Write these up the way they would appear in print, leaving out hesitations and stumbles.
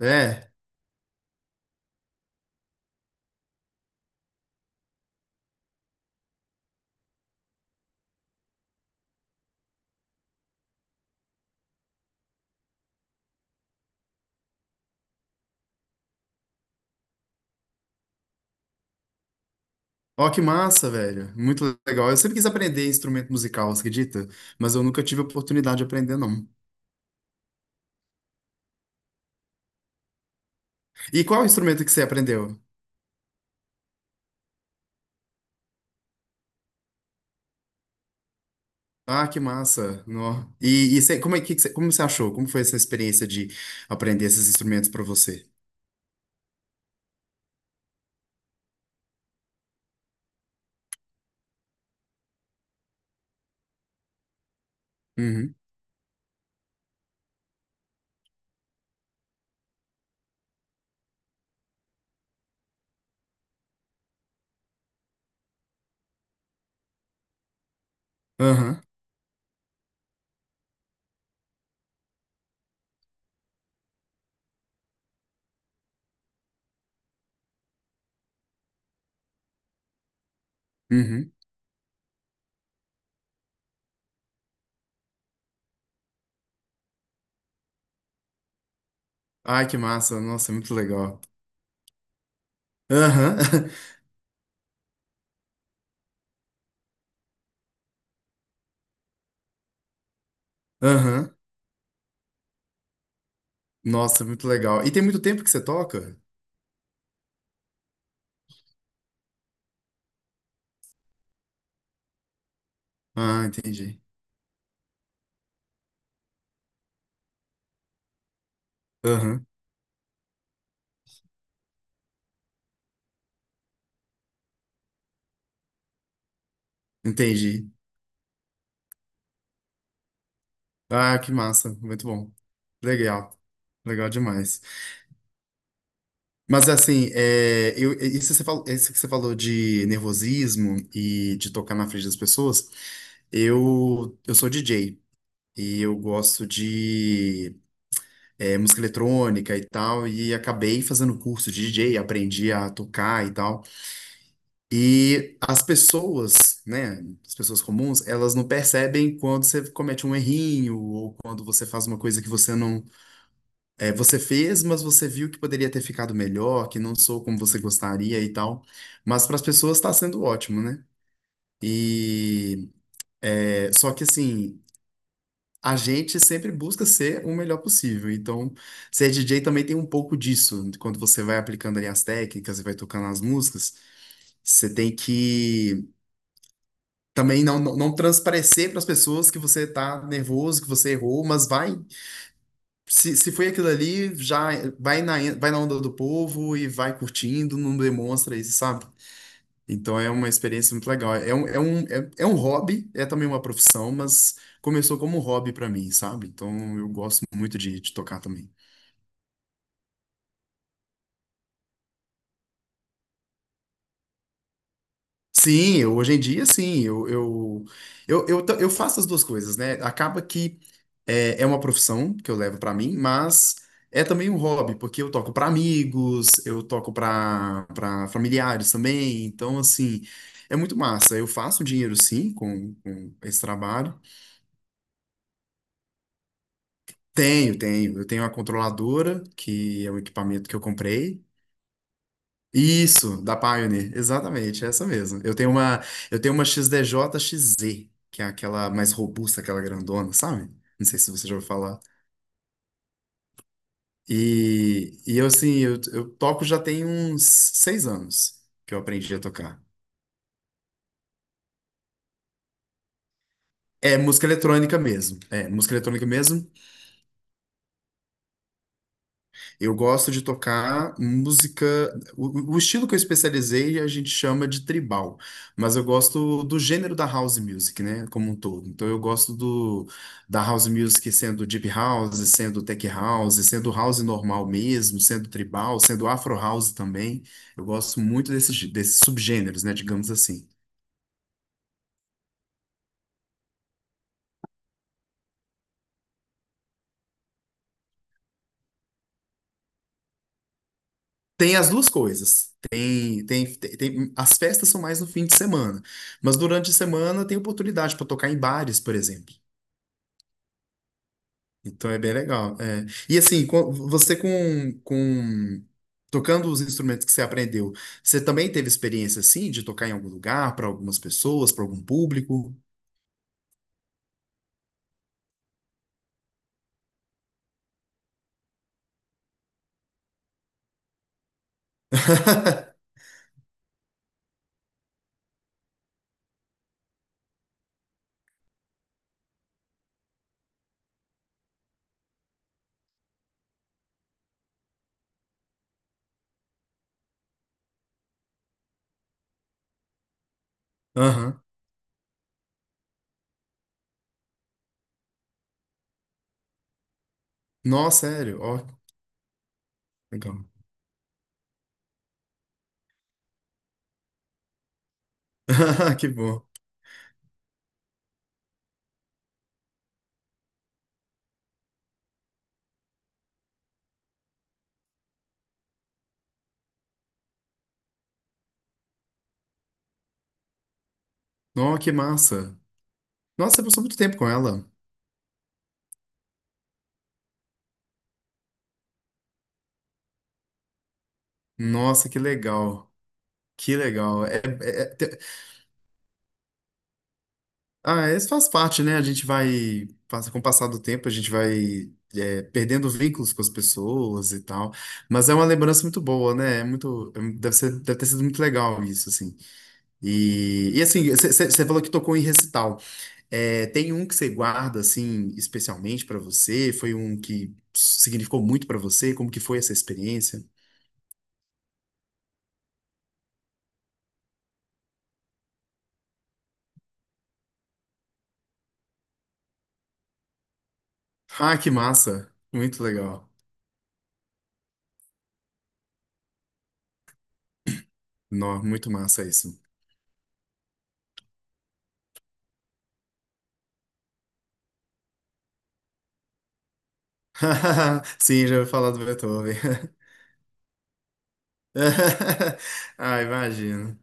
É, ó que massa, velho. Muito legal. Eu sempre quis aprender instrumento musical, você acredita? Mas eu nunca tive oportunidade de aprender, não. E qual instrumento que você aprendeu? Ah, que massa. Nó. E, como é que como você achou? Como foi essa experiência de aprender esses instrumentos para você? Uhum. Aham. Uhum. Ai, que massa. Nossa, é muito legal. Aham. Aham. Nossa, é muito legal. E tem muito tempo que você toca? Ah, entendi. Aham. Entendi. Ah, que massa, muito bom. Legal, legal demais. Mas assim, isso, que você falou, isso que você falou de nervosismo e de tocar na frente das pessoas, eu sou DJ e eu gosto de música eletrônica e tal, e acabei fazendo curso de DJ, aprendi a tocar e tal. E as pessoas, né, as pessoas comuns, elas não percebem quando você comete um errinho ou quando você faz uma coisa que você não... É, você fez, mas você viu que poderia ter ficado melhor, que não sou como você gostaria e tal. Mas para as pessoas está sendo ótimo, né? E é, só que assim, a gente sempre busca ser o melhor possível. Então, ser DJ também tem um pouco disso. Quando você vai aplicando ali as técnicas e vai tocando as músicas, você tem que também não transparecer para as pessoas que você tá nervoso, que você errou, mas vai... se foi aquilo ali, já vai na onda do povo e vai curtindo, não demonstra isso, sabe? Então é uma experiência muito legal. É um hobby, é também uma profissão, mas começou como um hobby pra mim, sabe? Então eu gosto muito de tocar também. Sim, hoje em dia, sim. Eu faço as duas coisas, né? Acaba que é uma profissão que eu levo pra mim, mas é também um hobby, porque eu toco pra amigos, eu toco pra para familiares também. Então, assim, é muito massa. Eu faço dinheiro, sim, com esse trabalho. Tenho, tenho. Eu tenho a controladora, que é o equipamento que eu comprei. Isso, da Pioneer, exatamente, é essa mesmo. Eu tenho uma XDJ-XZ, que é aquela mais robusta, aquela grandona, sabe? Não sei se você já ouviu falar. E eu, assim, eu toco já tem uns 6 anos que eu aprendi a tocar. É música eletrônica mesmo, é música eletrônica mesmo. Eu gosto de tocar música. O estilo que eu especializei a gente chama de tribal, mas eu gosto do gênero da house music, né, como um todo. Então eu gosto do da house music sendo deep house, sendo tech house, sendo house normal mesmo, sendo tribal, sendo afro house também. Eu gosto muito desses subgêneros, né, digamos assim. Tem as duas coisas. As festas são mais no fim de semana, mas durante a semana tem oportunidade para tocar em bares, por exemplo. Então é bem legal. É. E assim, você com tocando os instrumentos que você aprendeu, você também teve experiência assim de tocar em algum lugar, para algumas pessoas, para algum público? Aham. Nossa, sério? Ó, legal. Que bom. Nossa, que massa. Nossa, você passou muito tempo com ela. Nossa, que legal. Que legal. É. Ah, isso faz parte, né? A gente vai, com o passar do tempo, a gente vai é, perdendo vínculos com as pessoas e tal. Mas é uma lembrança muito boa, né? É muito, é deve ser, deve ter sido muito legal isso, assim. E assim, você falou que tocou em recital. É, tem um que você guarda, assim, especialmente pra você? Foi um que significou muito pra você? Como que foi essa experiência? Ah, que massa! Muito legal. Nó, muito massa isso. Sim, já ouvi falar do Beethoven. Ah, imagino.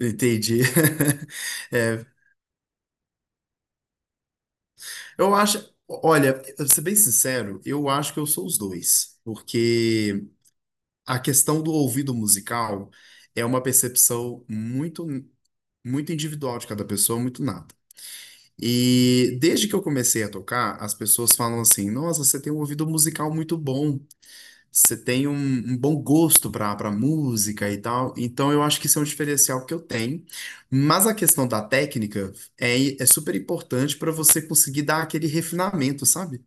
Entendi. É, eu acho, olha, pra ser bem sincero, eu acho que eu sou os dois, porque a questão do ouvido musical é uma percepção muito, muito individual de cada pessoa, muito nata. E desde que eu comecei a tocar, as pessoas falam assim: nossa, você tem um ouvido musical muito bom. Você tem um bom gosto para música e tal. Então eu acho que isso é um diferencial que eu tenho. Mas a questão da técnica é super importante para você conseguir dar aquele refinamento, sabe?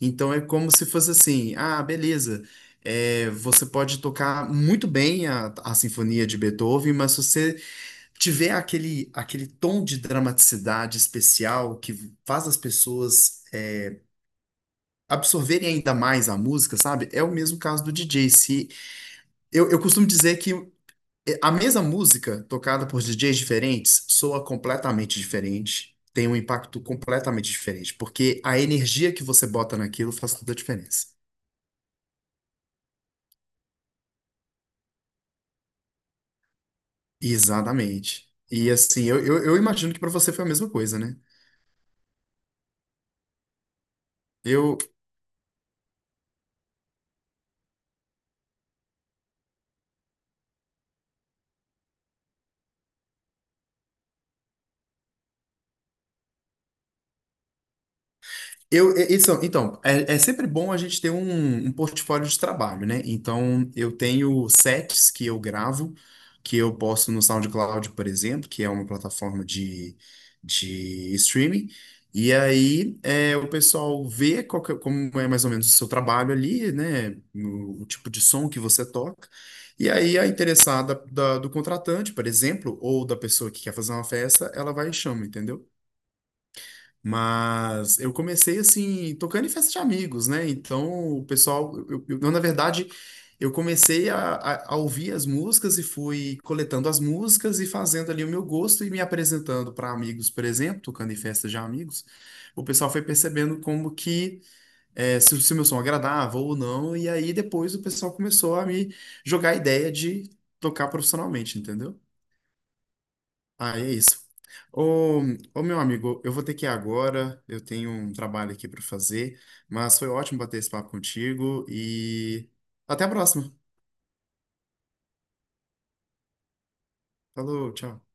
Então é como se fosse assim, ah, beleza. É, você pode tocar muito bem a sinfonia de Beethoven, mas se você tiver aquele, aquele tom de dramaticidade especial que faz as pessoas é, absorverem ainda mais a música, sabe? É o mesmo caso do DJ. Se eu costumo dizer que é, a mesma música tocada por DJs diferentes soa completamente diferente, tem um impacto completamente diferente, porque a energia que você bota naquilo faz toda a diferença. Exatamente. E assim, eu imagino que para você foi a mesma coisa, né? Eu, isso, então, é sempre bom a gente ter um portfólio de trabalho, né? Então, eu tenho sets que eu gravo, que eu posto no SoundCloud, por exemplo, que é uma plataforma de streaming. E aí, é, o pessoal vê como é mais ou menos o seu trabalho ali, né? O tipo de som que você toca. E aí, a interessada do contratante, por exemplo, ou da pessoa que quer fazer uma festa, ela vai e chama, entendeu? Mas eu comecei assim, tocando em festa de amigos, né? Então, o pessoal, eu, na verdade, eu comecei a ouvir as músicas e fui coletando as músicas e fazendo ali o meu gosto e me apresentando para amigos, por exemplo, tocando em festa de amigos. O pessoal foi percebendo como que se o meu som agradava ou não, e aí depois o pessoal começou a me jogar a ideia de tocar profissionalmente, entendeu? Ah, é isso. Ô, ô, meu amigo, eu vou ter que ir agora. Eu tenho um trabalho aqui para fazer, mas foi ótimo bater esse papo contigo e até a próxima. Falou, tchau.